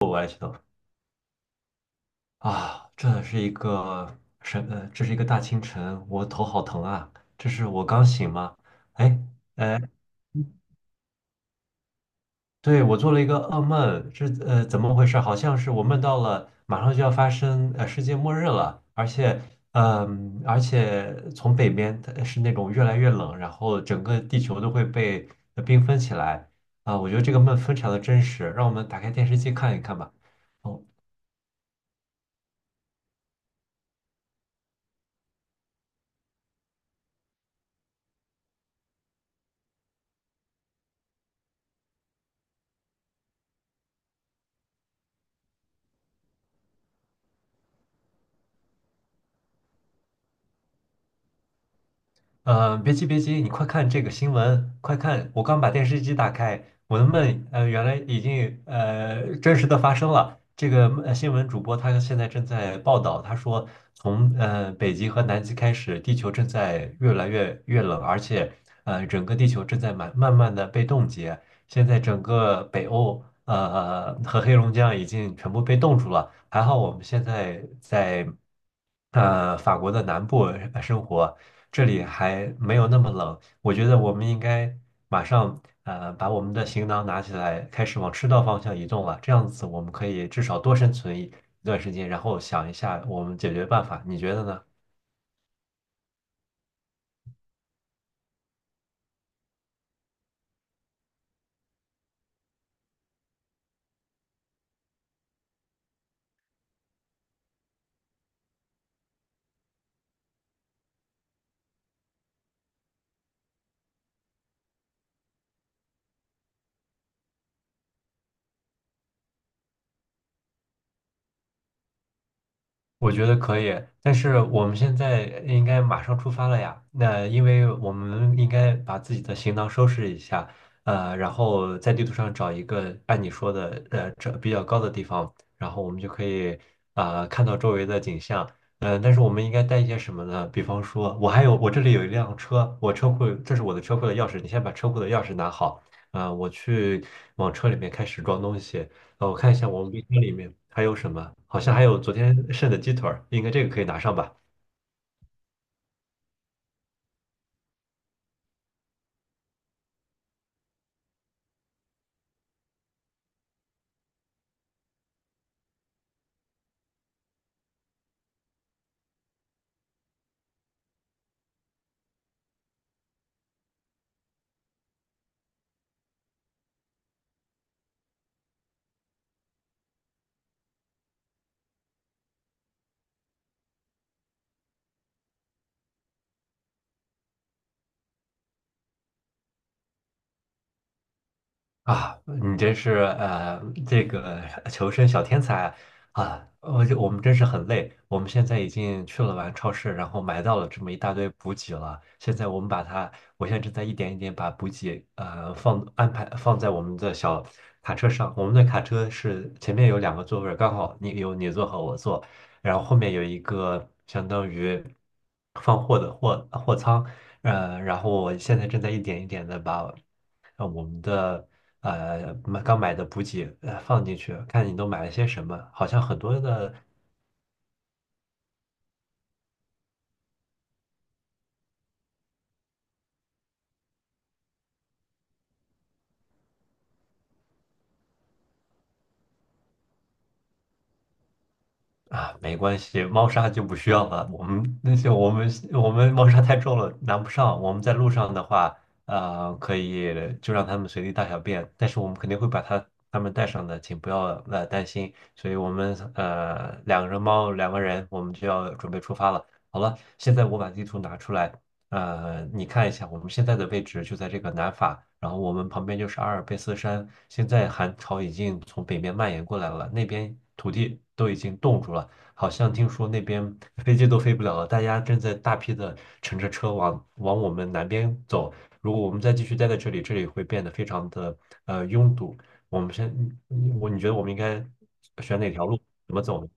我还想啊，这是一个什？这是一个大清晨，我头好疼啊！这是我刚醒吗？哎，对，我做了一个噩梦，这怎么回事？好像是我梦到了马上就要发生世界末日了，而且而且从北边它是那种越来越冷，然后整个地球都会被冰封起来。我觉得这个梦非常的真实，让我们打开电视机看一看吧。哦。别急别急，你快看这个新闻，快看！我刚把电视机打开，我的梦，呃，原来已经真实的发生了。这个新闻主播他现在正在报道，他说从北极和南极开始，地球正在越来越冷，而且整个地球正在慢慢的被冻结。现在整个北欧和黑龙江已经全部被冻住了。还好我们现在在法国的南部生活，这里还没有那么冷。我觉得我们应该马上把我们的行囊拿起来，开始往赤道方向移动了。这样子我们可以至少多生存一段时间，然后想一下我们解决办法。你觉得呢？我觉得可以，但是我们现在应该马上出发了呀。那因为我们应该把自己的行囊收拾一下，然后在地图上找一个按你说的，呃，这比较高的地方，然后我们就可以看到周围的景象。但是我们应该带一些什么呢？比方说，我还有我这里有一辆车，我车库这是我的车库的钥匙，你先把车库的钥匙拿好，我去往车里面开始装东西。我看一下我们冰箱里面还有什么，好像还有昨天剩的鸡腿儿，应该这个可以拿上吧。啊，你真是这个求生小天才啊！我就我们真是很累，我们现在已经去了完超市，然后买到了这么一大堆补给了。现在我们把它，我现在正在一点一点把补给放安排放在我们的小卡车上。我们的卡车是前面有两个座位儿刚好你有你坐和我坐，然后后面有一个相当于放货的货仓。然后我现在正在一点一点的把。让我们的买刚买的补给放进去，看你都买了些什么。好像很多的啊，没关系，猫砂就不需要了。我们那些我们猫砂太重了，拿不上。我们在路上的话，可以就让他们随地大小便，但是我们肯定会把它他们带上的，请不要担心。所以我们两个人猫两个人，我们就要准备出发了。好了，现在我把地图拿出来。你看一下，我们现在的位置就在这个南法，然后我们旁边就是阿尔卑斯山。现在寒潮已经从北面蔓延过来了，那边土地都已经冻住了，好像听说那边飞机都飞不了了，大家正在大批的乘着车往我们南边走。如果我们再继续待在这里，这里会变得非常的拥堵。我们先，我你觉得我们应该选哪条路？怎么走呢？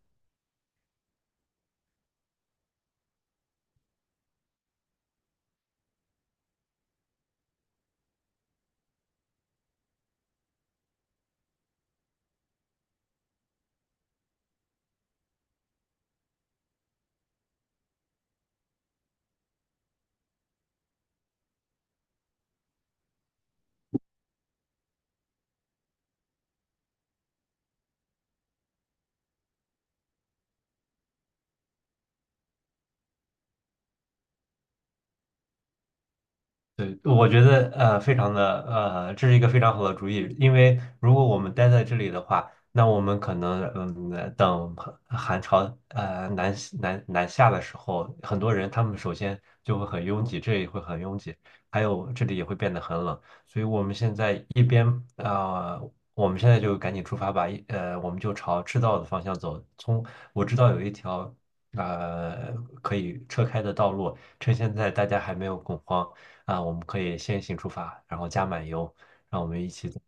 对，我觉得非常的这是一个非常好的主意，因为如果我们待在这里的话，那我们可能等寒潮朝南南下的时候，很多人他们首先就会很拥挤，这也会很拥挤，还有这里也会变得很冷，所以我们现在一边我们现在就赶紧出发吧，我们就朝赤道的方向走。从我知道有一条呃可以车开的道路，趁现在大家还没有恐慌。啊，我们可以先行出发，然后加满油，让我们一起走。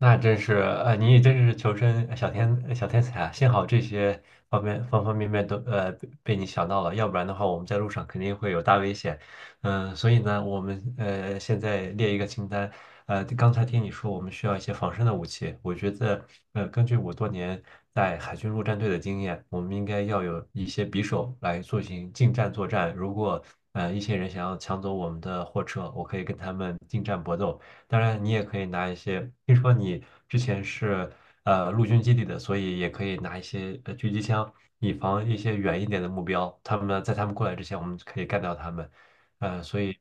那真是你也真是求生小天才啊！幸好这些方面方方面面都被你想到了，要不然的话，我们在路上肯定会有大危险。所以呢，我们现在列一个清单。刚才听你说我们需要一些防身的武器，我觉得根据我多年在海军陆战队的经验，我们应该要有一些匕首来进行近战作战。如果一些人想要抢走我们的货车，我可以跟他们近战搏斗。当然，你也可以拿一些，听说你之前是陆军基地的，所以也可以拿一些狙击枪，以防一些远一点的目标。他们在他们过来之前，我们可以干掉他们。所以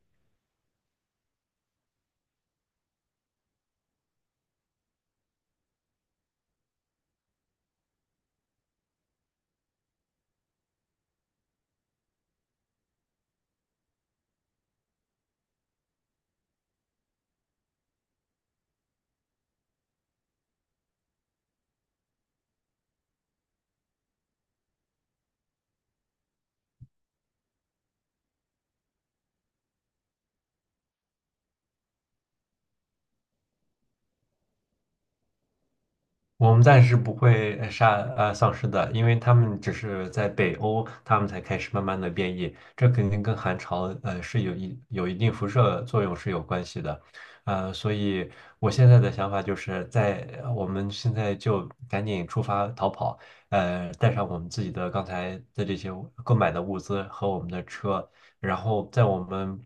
我们暂时不会杀丧尸的，因为他们只是在北欧，他们才开始慢慢的变异，这肯定跟寒潮是有一定辐射作用是有关系的。所以我现在的想法就是在我们现在就赶紧出发逃跑，带上我们自己的刚才的这些物购买的物资和我们的车，然后在我们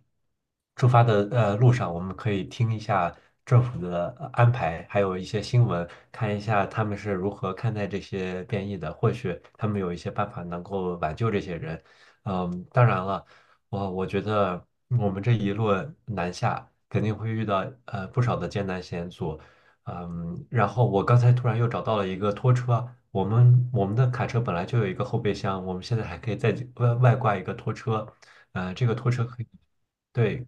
出发的路上，我们可以听一下政府的安排，还有一些新闻，看一下他们是如何看待这些变异的，或许他们有一些办法能够挽救这些人。嗯，当然了，我觉得我们这一路南下肯定会遇到不少的艰难险阻。嗯，然后我刚才突然又找到了一个拖车，我们的卡车本来就有一个后备箱，我们现在还可以再外挂一个拖车，这个拖车可以，对，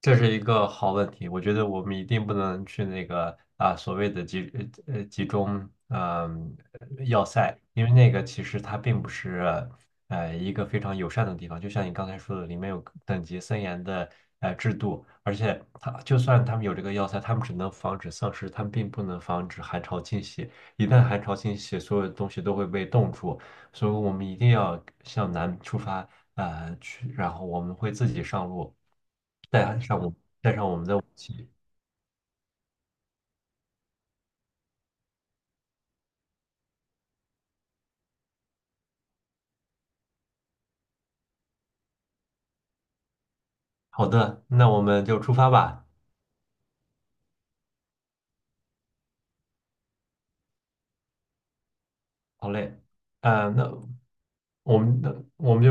这是一个好问题。我觉得我们一定不能去那个所谓的集中要塞，因为那个其实它并不是一个非常友善的地方。就像你刚才说的，里面有等级森严的制度，而且它就算他们有这个要塞，他们只能防止丧尸，他们并不能防止寒潮侵袭。一旦寒潮侵袭，所有的东西都会被冻住。所以我们一定要向南出发，去，然后我们会自己上路，带上我们自己。好的，那我们就出发吧。好嘞，那我们那我们。